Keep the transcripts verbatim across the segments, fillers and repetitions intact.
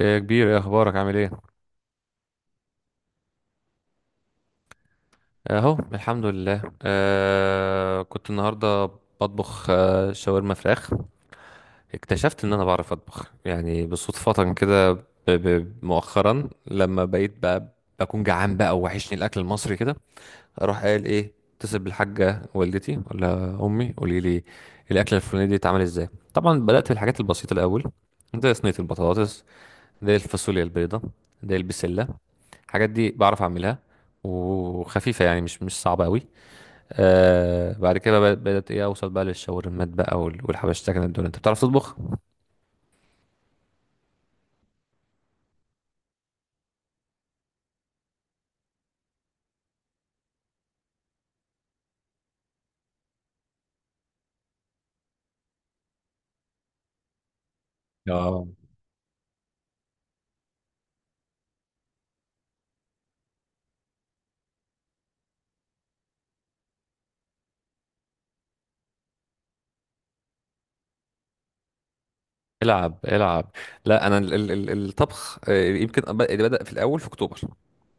إيه يا كبير، ايه اخبارك؟ عامل ايه؟ اهو الحمد لله. آه كنت النهارده بطبخ آه شاورما فراخ. اكتشفت ان انا بعرف اطبخ يعني بالصدفة كده، ب- ب- مؤخرا لما بقيت بقى بكون جعان بقى، ووحشني الاكل المصري كده. اروح قايل ايه؟ اتصل بالحاجة والدتي، ولا امي، قولي لي الاكله الفلانيه دي اتعمل ازاي. طبعا بدأت بالحاجات البسيطة الاول، زي صينية البطاطس، زي الفاصوليا البيضاء، زي البسلة. الحاجات دي بعرف اعملها، وخفيفه يعني مش مش صعبه قوي. آه بعد كده بقى بدات ايه، اوصل بقى للشاورمات بقى وال- والحبشتكنات دول. انت بتعرف تطبخ؟ اه. العب العب. لا انا ال- ال- ال- الطبخ، آه، يمكن أب- بدا في الاول في اكتوبر،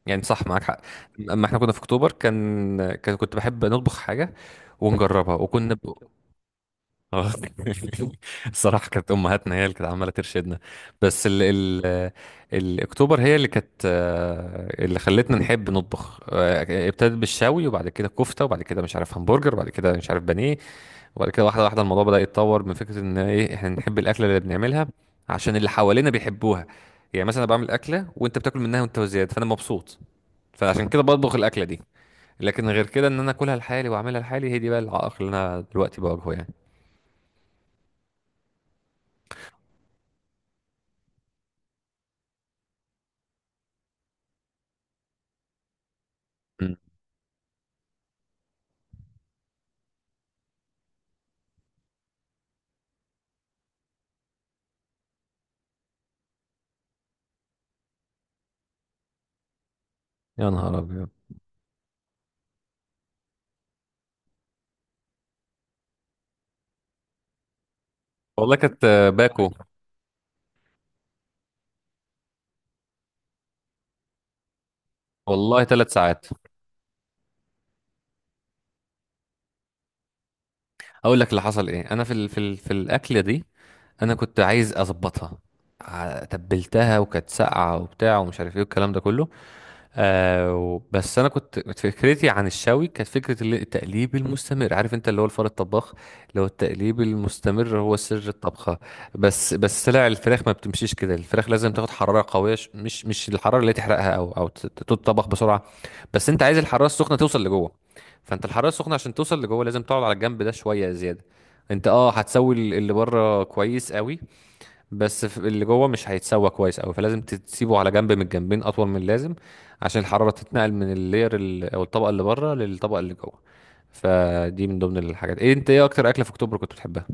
يعني صح، معاك حق. اما احنا كنا في اكتوبر، كان كان- كنت بحب نطبخ حاجه ونجربها، وكنا ب- اه الصراحة كانت أمهاتنا هي اللي كانت عمالة ترشدنا. بس ال ال الأكتوبر هي اللي كانت، آه، اللي خلتنا نحب نطبخ. آه، ابتدت بالشوي، وبعد كده كفتة، وبعد كده مش عارف همبرجر، وبعد كده مش عارف بانيه. وبعد كده واحدة واحدة الموضوع بدأ يتطور من فكرة إن إيه إحنا نحب الأكلة اللي بنعملها عشان اللي حوالينا بيحبوها. يعني مثلا أنا بعمل أكلة وأنت بتاكل منها، وأنت وزيادة، فأنا مبسوط، فعشان كده بطبخ الأكلة دي. لكن غير كده إن أنا أكلها لحالي وأعملها لحالي، هي دي بقى العائق اللي أنا دلوقتي بواجهه يعني. يا نهار ابيض! والله كانت، آه، باكو. والله ثلاث ساعات. اقول لك اللي حصل ايه، انا في ال... في ال... في الاكله دي انا كنت عايز اظبطها. ع- تبلتها وكانت ساقعه وبتاع ومش عارف ايه والكلام ده كله. آه و- بس انا كنت كنت فكرتي عن الشوي كانت فكره، اللي- التقليب المستمر، عارف انت، اللي هو الفار الطباخ، اللي هو التقليب المستمر هو سر الطبخه. بس بس لا، الفراخ ما بتمشيش كده، الفراخ لازم تاخد حراره قويه. ش- مش مش الحراره اللي تحرقها او او تت- تتطبخ بسرعه. بس انت عايز الحراره السخنه توصل لجوه. فانت الحراره السخنه عشان توصل لجوه لازم تقعد على الجنب ده شويه زياده. انت اه هتسوي ال- اللي بره كويس قوي. بس ف- اللي جوه مش هيتسوى كويس قوي، فلازم تسيبه على جنب من الجنبين اطول من اللازم عشان الحراره تتنقل من اللير ال- او الطبقه اللي بره للطبقه اللي جوه. فدي من ضمن الحاجات ايه. انت ايه اكتر اكله في اكتوبر كنت بتحبها؟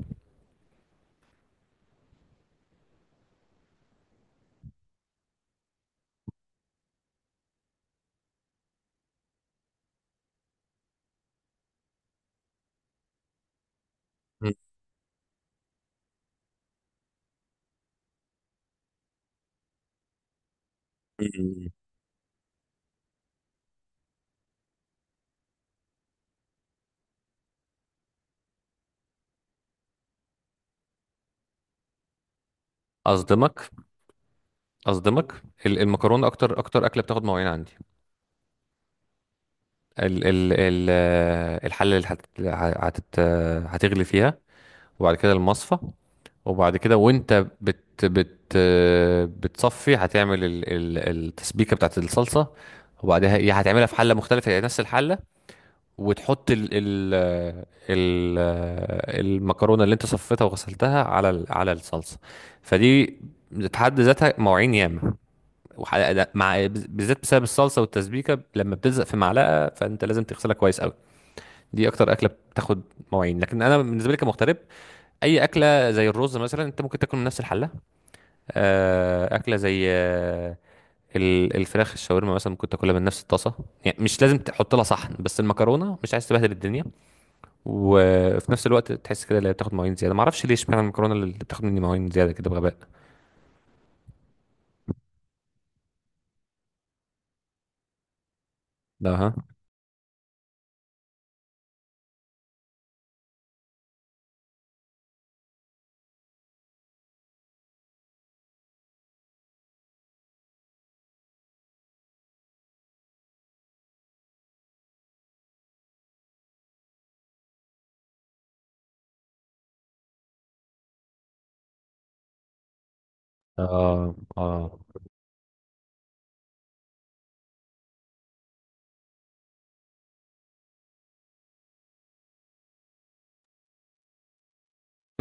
مم. اصدمك، اصدمك، ال- المكرونه اكتر اكتر اكله بتاخد مواعين عندي. ال ال ال آه، الحله اللي هت هت هتغلي فيها، وبعد كده المصفى، وبعد كده وانت بت بت بتصفي هتعمل ال- ال- التسبيكه بتاعت الصلصه، وبعدها يا هتعملها في حله مختلفه، يعني نفس الحله، وتحط ال ال ال المكرونه اللي انت صفيتها وغسلتها على ال- على الصلصه. فدي في حد ذاتها مواعين ياما، وح- ده- مع بالذات بسبب الصلصه والتسبيكه لما بتلزق في معلقه فانت لازم تغسلها كويس قوي. دي اكتر اكله بتاخد مواعين. لكن انا بالنسبه لي كمغترب، اي اكله زي الرز مثلا انت ممكن تاكل من نفس الحله. آه، اكله زي، آه، ال- الفراخ الشاورما مثلا ممكن تاكلها من نفس الطاسه، يعني مش لازم تحط لها صحن. بس المكرونه مش عايز تبهدل الدنيا وفي نفس الوقت تحس كده اللي هي بتاخد مواعين زياده. ما اعرفش ليه اشمعنى المكرونه اللي بتاخد مني مواعين زياده كده بغباء. ده، ها. اه، اه.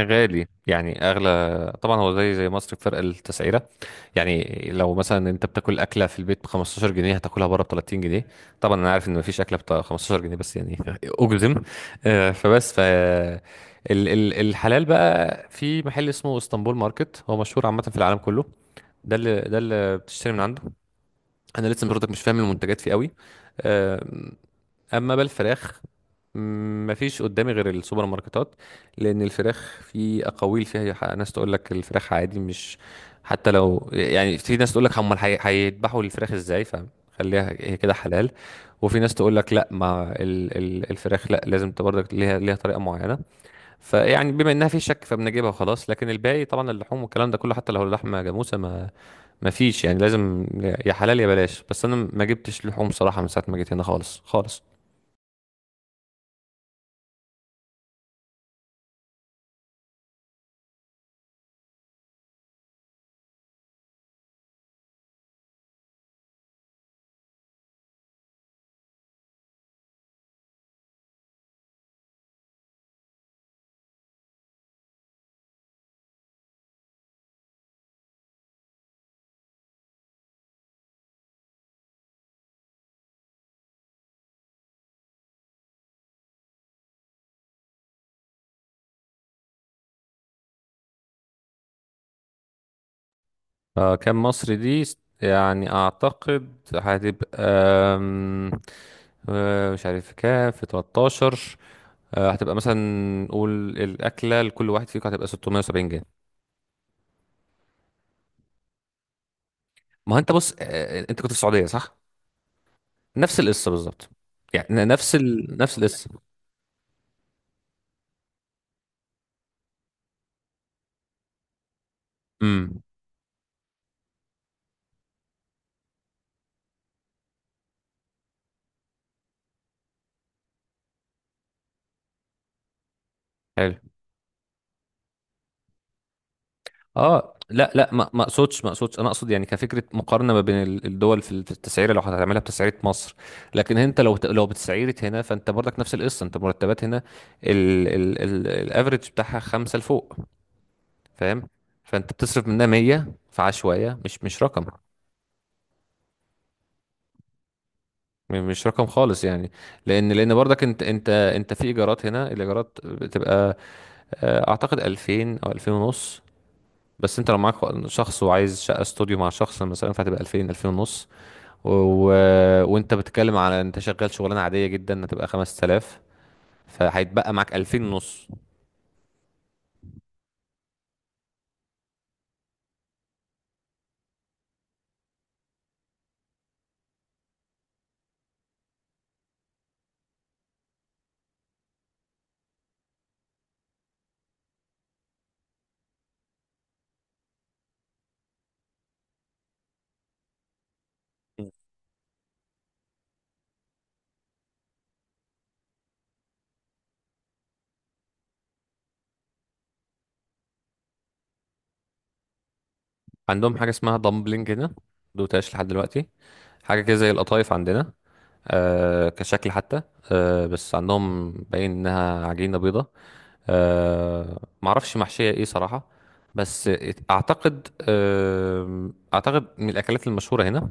غالي، يعني اغلى طبعا، هو زي زي مصر بفرق التسعيره. يعني لو مثلا انت بتاكل اكله في البيت ب خمستاشر جنيه هتاكلها بره ب تلاتين جنيه. طبعا انا عارف ان مفيش اكله ب خمستاشر جنيه، بس يعني اجزم. آه، فبس ف ال- ال- الحلال بقى في محل اسمه اسطنبول ماركت، هو مشهور عامه في العالم كله. ده اللي ده اللي بتشتري من عنده. انا لسه برضك مش فاهم المنتجات فيه قوي. اما بالفراخ، مم، مفيش قدامي غير السوبر ماركتات، لان الفراخ في اقاويل فيها. ح- ناس تقول لك الفراخ عادي، مش، حتى لو، يعني في ناس تقول لك هم هي- هيذبحوا الفراخ ازاي فخليها هي كده حلال. وفي ناس تقول لك لا، ما ال- ال- الفراخ لا لازم تبقى برضك ليها ليها طريقه معينه. فيعني بما انها في شك، فبنجيبها وخلاص. لكن الباقي طبعا اللحوم والكلام ده كله، حتى لو اللحمه جاموسه ما ما فيش يعني، لازم يا يا حلال يا بلاش. بس انا ما جبتش لحوم صراحه من ساعه ما جيت هنا خالص خالص. آه كام مصري دي، س- يعني اعتقد هتبقى، آم، آه، مش عارف كام في تلتاشر. آه، هتبقى مثلا، نقول الاكله لكل واحد فيكم هتبقى ستمائة وسبعين جنيه. ما هو انت بص، آه، آه، انت كنت في السعوديه صح؟ نفس القصه بالظبط، يعني نفس ال... نفس القصه. امم. اه، لا لا، ما ما اقصدش ما اقصدش انا اقصد، يعني كفكره مقارنه ما بين ال- الدول في التسعيره لو هتعملها بتسعيره مصر. لكن انت لو ت- لو بتسعيره هنا فانت برضك نفس القصه، انت مرتبات هنا ال ال ال الافريج بتاعها خمسه لفوق، فاهم؟ فانت بتصرف منها ميه في عشوائيه، مش مش رقم، م- مش رقم خالص يعني. لان لان برضك انت انت انت في ايجارات هنا، الايجارات بتبقى، آه، اعتقد ألفين او ألفين ونص. بس انت لو معاك شخص وعايز شقه استوديو مع شخص مثلا فهتبقى ألفين ألفين ونص، و... وانت بتتكلم على انت شغال شغلانه عاديه جدا هتبقى خمسة آلاف، فهيتبقى معاك ألفين ونص. عندهم حاجه اسمها دامبلينج هنا دوتاش لحد دلوقتي، حاجه كده زي القطايف عندنا، آه كشكل حتى. آه بس عندهم باين انها عجينه بيضه. آه معرفش محشيه ايه صراحه، بس اعتقد آه اعتقد من الاكلات المشهوره هنا،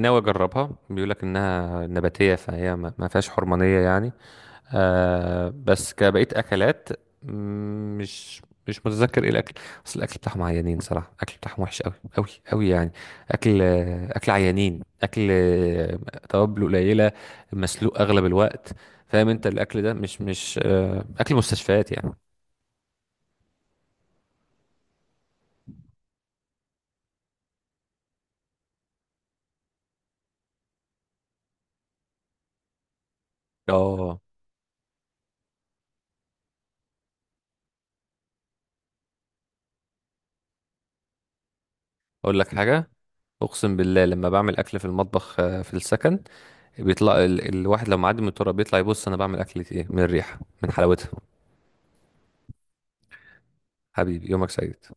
ناوي اجربها، بيقولك انها نباتيه فهي ما ما فيهاش حرمانيه يعني. آه بس كبقية أكلات، مم، مش مش متذكر ايه الأكل. بس الأكل بتاعهم عيانين صراحة، الأكل بتاعهم وحش أوي، أوي أوي يعني. أكل، آه، أكل عيانين، أكل، آه، توابل قليلة، مسلوق أغلب الوقت. فاهم أنت؟ الأكل ده مش مش آه، أكل مستشفيات يعني. اه، أقول لك حاجة، أقسم بالله لما بعمل أكل في المطبخ، آه، في السكن، بيطلع ال... الواحد لو معدي من التراب بيطلع يبص أنا بعمل أكل إيه من الريحة من حلاوتها. حبيبي يومك سعيد.